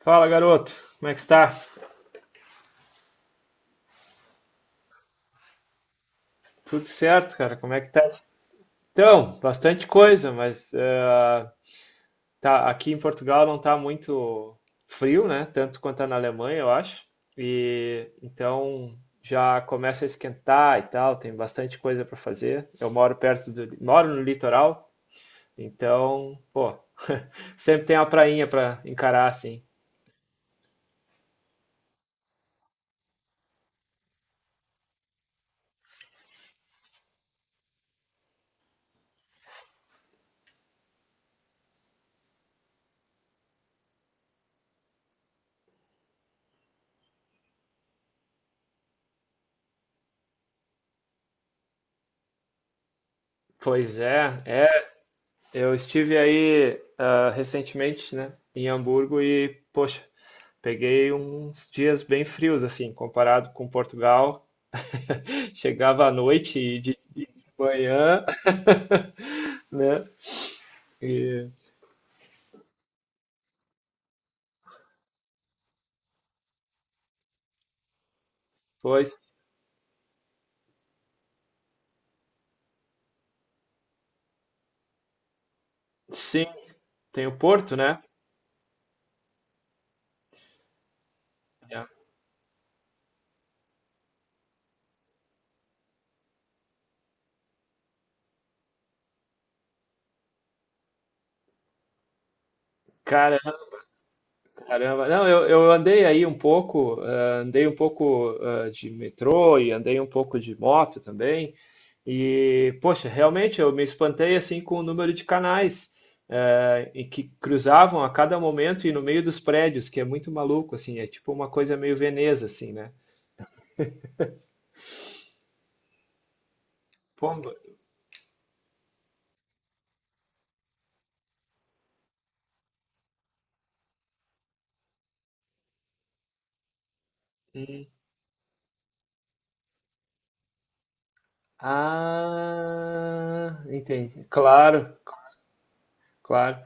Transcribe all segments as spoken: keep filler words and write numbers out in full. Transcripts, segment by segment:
Fala, garoto. Como é que está? Tudo certo, cara? Como é que tá? Então, bastante coisa, mas eh, tá, aqui em Portugal não tá muito frio, né? Tanto quanto tá na Alemanha, eu acho. E então já começa a esquentar e tal, tem bastante coisa para fazer. Eu moro perto do, moro no litoral, então, pô, sempre tem uma prainha para encarar assim. Pois é, é. Eu estive aí ah, recentemente, né, em Hamburgo e, poxa, peguei uns dias bem frios, assim, comparado com Portugal. Chegava à noite e de manhã, né? E pois, sim, tem o Porto, né? Caramba, caramba. Não, eu, eu andei aí um pouco, ah, andei um pouco ah, de metrô e andei um pouco de moto também. E, poxa, realmente eu me espantei assim com o número de canais eh, e que cruzavam a cada momento e no meio dos prédios, que é muito maluco, assim, é tipo uma coisa meio Veneza, assim, né? Pomba. Hum. Ah, entendi. Claro, claro.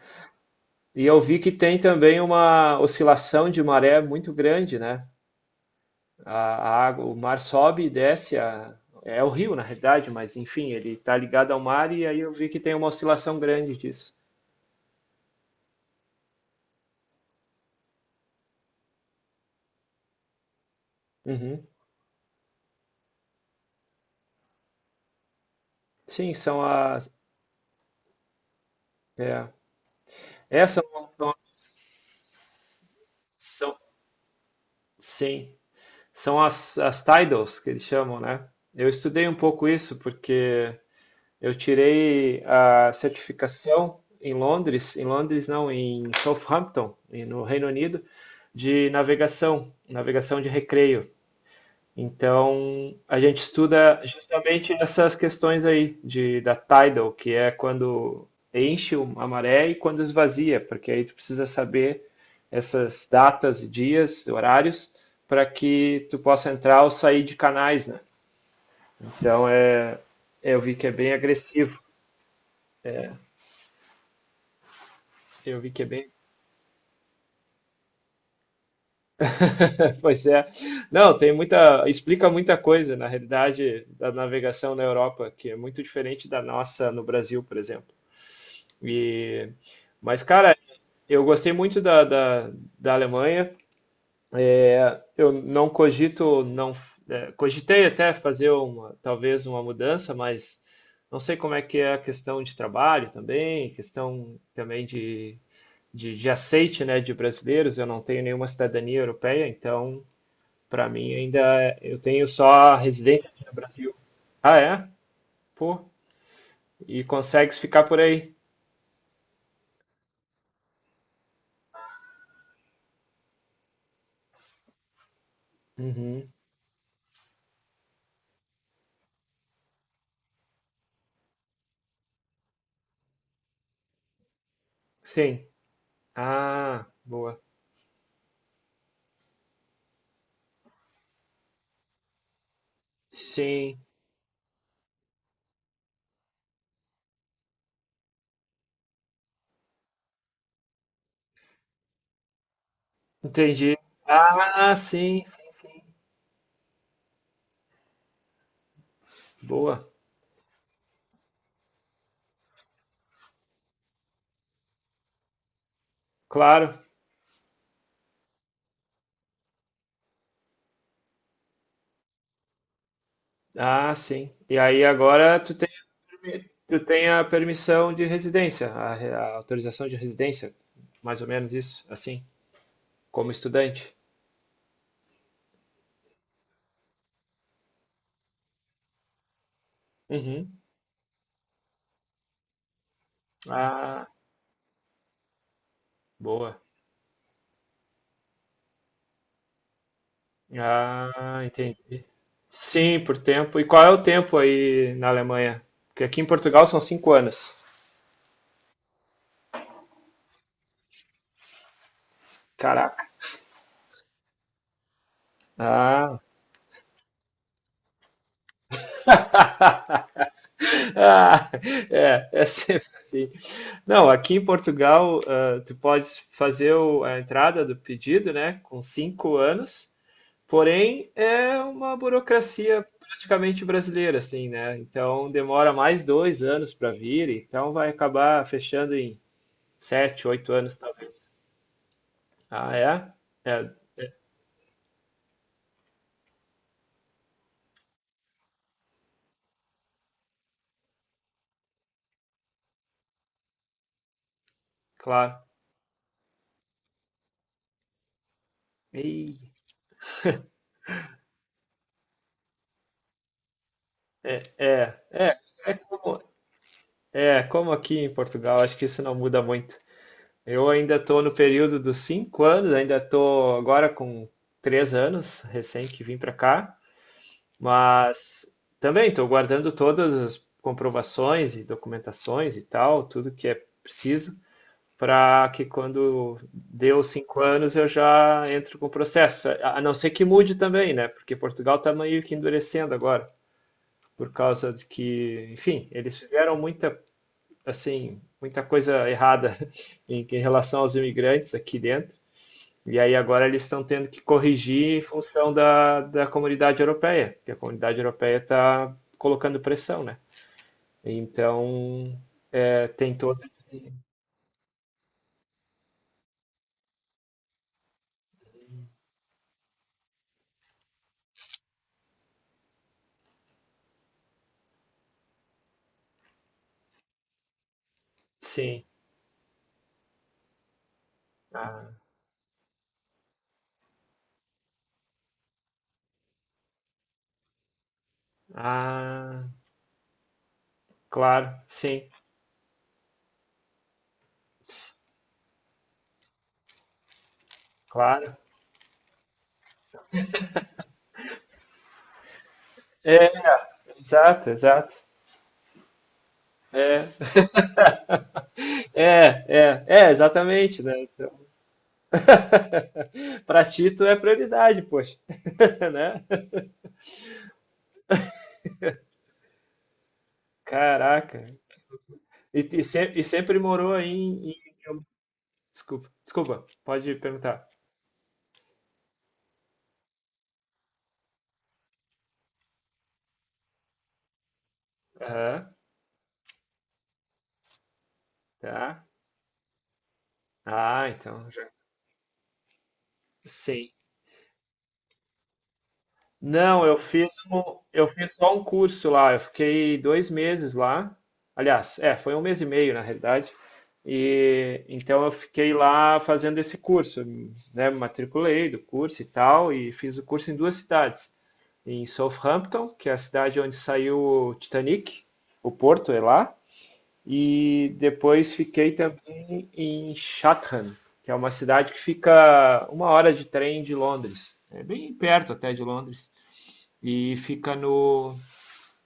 E eu vi que tem também uma oscilação de maré muito grande, né? A, a água, o mar sobe e desce, a- é o rio, na realidade, mas enfim, ele está ligado ao mar e aí eu vi que tem uma oscilação grande disso. Uhum. Sim, são as. É. Essas são, são, são- sim, são as, as titles que eles chamam, né? Eu estudei um pouco isso porque eu tirei a certificação em Londres, em Londres não, em Southampton, em- no Reino Unido, de navegação, navegação de recreio. Então, a gente estuda justamente essas questões aí de, da tidal, que é quando enche o- a maré e quando esvazia, porque aí tu precisa saber essas datas, dias, horários, para que tu possa entrar ou sair de canais, né? Então, é, eu vi que é bem agressivo. É, eu vi que é bem. Pois é. Não, tem muita. Explica muita coisa, na realidade, da navegação na Europa, que é muito diferente da nossa no Brasil, por exemplo. E... Mas, cara, eu gostei muito da, da, da Alemanha. É, eu não cogito, não, é, cogitei até fazer uma, talvez uma mudança, mas não sei como é que é a questão de trabalho também, questão também de, de, de aceite, né, de brasileiros. Eu não tenho nenhuma cidadania europeia, então, para mim, ainda é- eu tenho só a residência aqui no Brasil. Ah, é? Pô, e consegues ficar por aí? Uhum. Sim. Ah, boa. Sim, entendi. Ah, sim, sim, sim. Boa, claro. Ah, sim. E aí agora tu tem, tu tem a permissão de residência, a, re- a autorização de residência, mais ou menos isso, assim, como estudante. Uhum. Ah, boa. Ah, entendi. Sim, por tempo. E qual é o tempo aí na Alemanha? Porque aqui em Portugal são cinco anos. Caraca. Ah. Ah, é, é sempre assim. Não, aqui em Portugal, ah, tu podes fazer o- a entrada do pedido, né, com cinco anos, porém é uma burocracia praticamente brasileira, assim, né? Então demora mais dois anos para vir, então vai acabar fechando em sete, oito anos, talvez. Ah, é? É, claro. Ih, é, é, é como, é como aqui em Portugal, acho que isso não muda muito. Eu ainda estou no período dos cinco anos, ainda estou agora com três anos, recém que vim para cá, mas também estou guardando todas as comprovações e documentações e tal, tudo que é preciso, para que quando deu os cinco anos eu já entro com o processo. A a não ser que mude também, né? Porque Portugal está meio que endurecendo agora, por causa de que, enfim, eles fizeram muita, assim, muita coisa errada em, em relação aos imigrantes aqui dentro. E aí agora eles estão tendo que corrigir em função da, da comunidade europeia, porque a comunidade europeia está colocando pressão, né? Então, é, tem toda. Sim. Ah, ah, claro, sim. Claro. É, exato, exato. É. É, é, é, exatamente, né? Então, para ti, tu é prioridade, poxa, né? Caraca. E, e, se- e sempre morou aí em, desculpa, desculpa, pode perguntar. Aham, tá. Ah, então já. Sim. Não, eu fiz um, eu fiz só um curso lá. Eu fiquei dois meses lá. Aliás, é, foi um mês e meio na realidade. E então eu fiquei lá fazendo esse curso, né? Me matriculei do curso e tal, e fiz o curso em duas cidades, em Southampton, que é a cidade onde saiu o Titanic, o Porto é lá, e depois fiquei também em Chatham, que é uma cidade que fica uma hora de trem de Londres. É bem perto até de Londres. E fica no,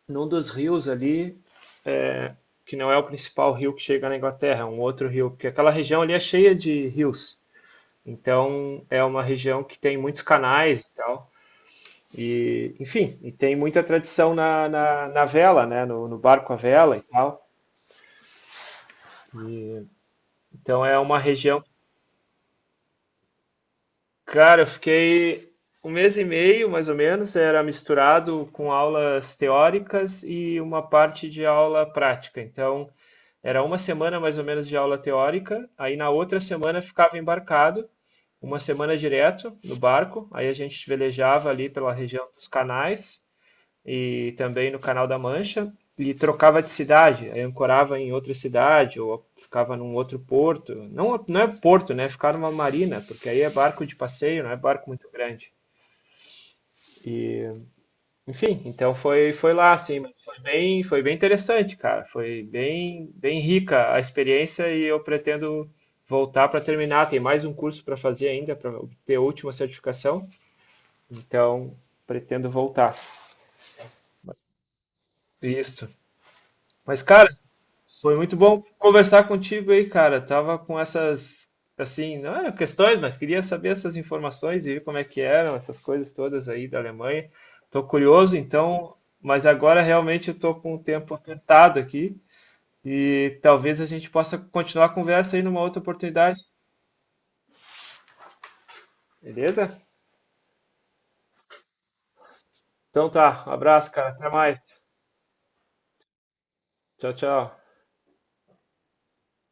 num dos rios ali, é, que não é o principal rio que chega na Inglaterra, é um outro rio, porque aquela região ali é cheia de rios. Então é uma região que tem muitos canais e tal. E, enfim, e tem muita tradição na, na, na vela, né? No, no barco à vela e tal. Então é uma região cara, eu fiquei um mês e meio, mais ou menos, era misturado com aulas teóricas e uma parte de aula prática. Então, era uma semana mais ou menos de aula teórica, aí na outra semana ficava embarcado, uma semana direto no barco, aí a gente velejava ali pela região dos canais e também no Canal da Mancha e trocava de cidade, aí ancorava em outra cidade ou ficava num outro porto. Não, não é porto, né? Ficar numa marina, porque aí é barco de passeio, não é barco muito grande. E, enfim, então foi foi lá assim, mas foi bem, foi bem interessante, cara. Foi bem bem rica a experiência e eu pretendo voltar para terminar. Tem mais um curso para fazer ainda para obter a última certificação, então pretendo voltar. Isso. Mas, cara, foi muito bom conversar contigo aí, cara. Tava com essas, assim, não eram questões, mas queria saber essas informações e ver como é que eram essas coisas todas aí da Alemanha. Tô curioso, então, mas agora realmente eu tô com o tempo apertado aqui e talvez a gente possa continuar a conversa aí numa outra oportunidade, beleza? Então tá, um abraço, cara. Até mais. Tchau, tchau.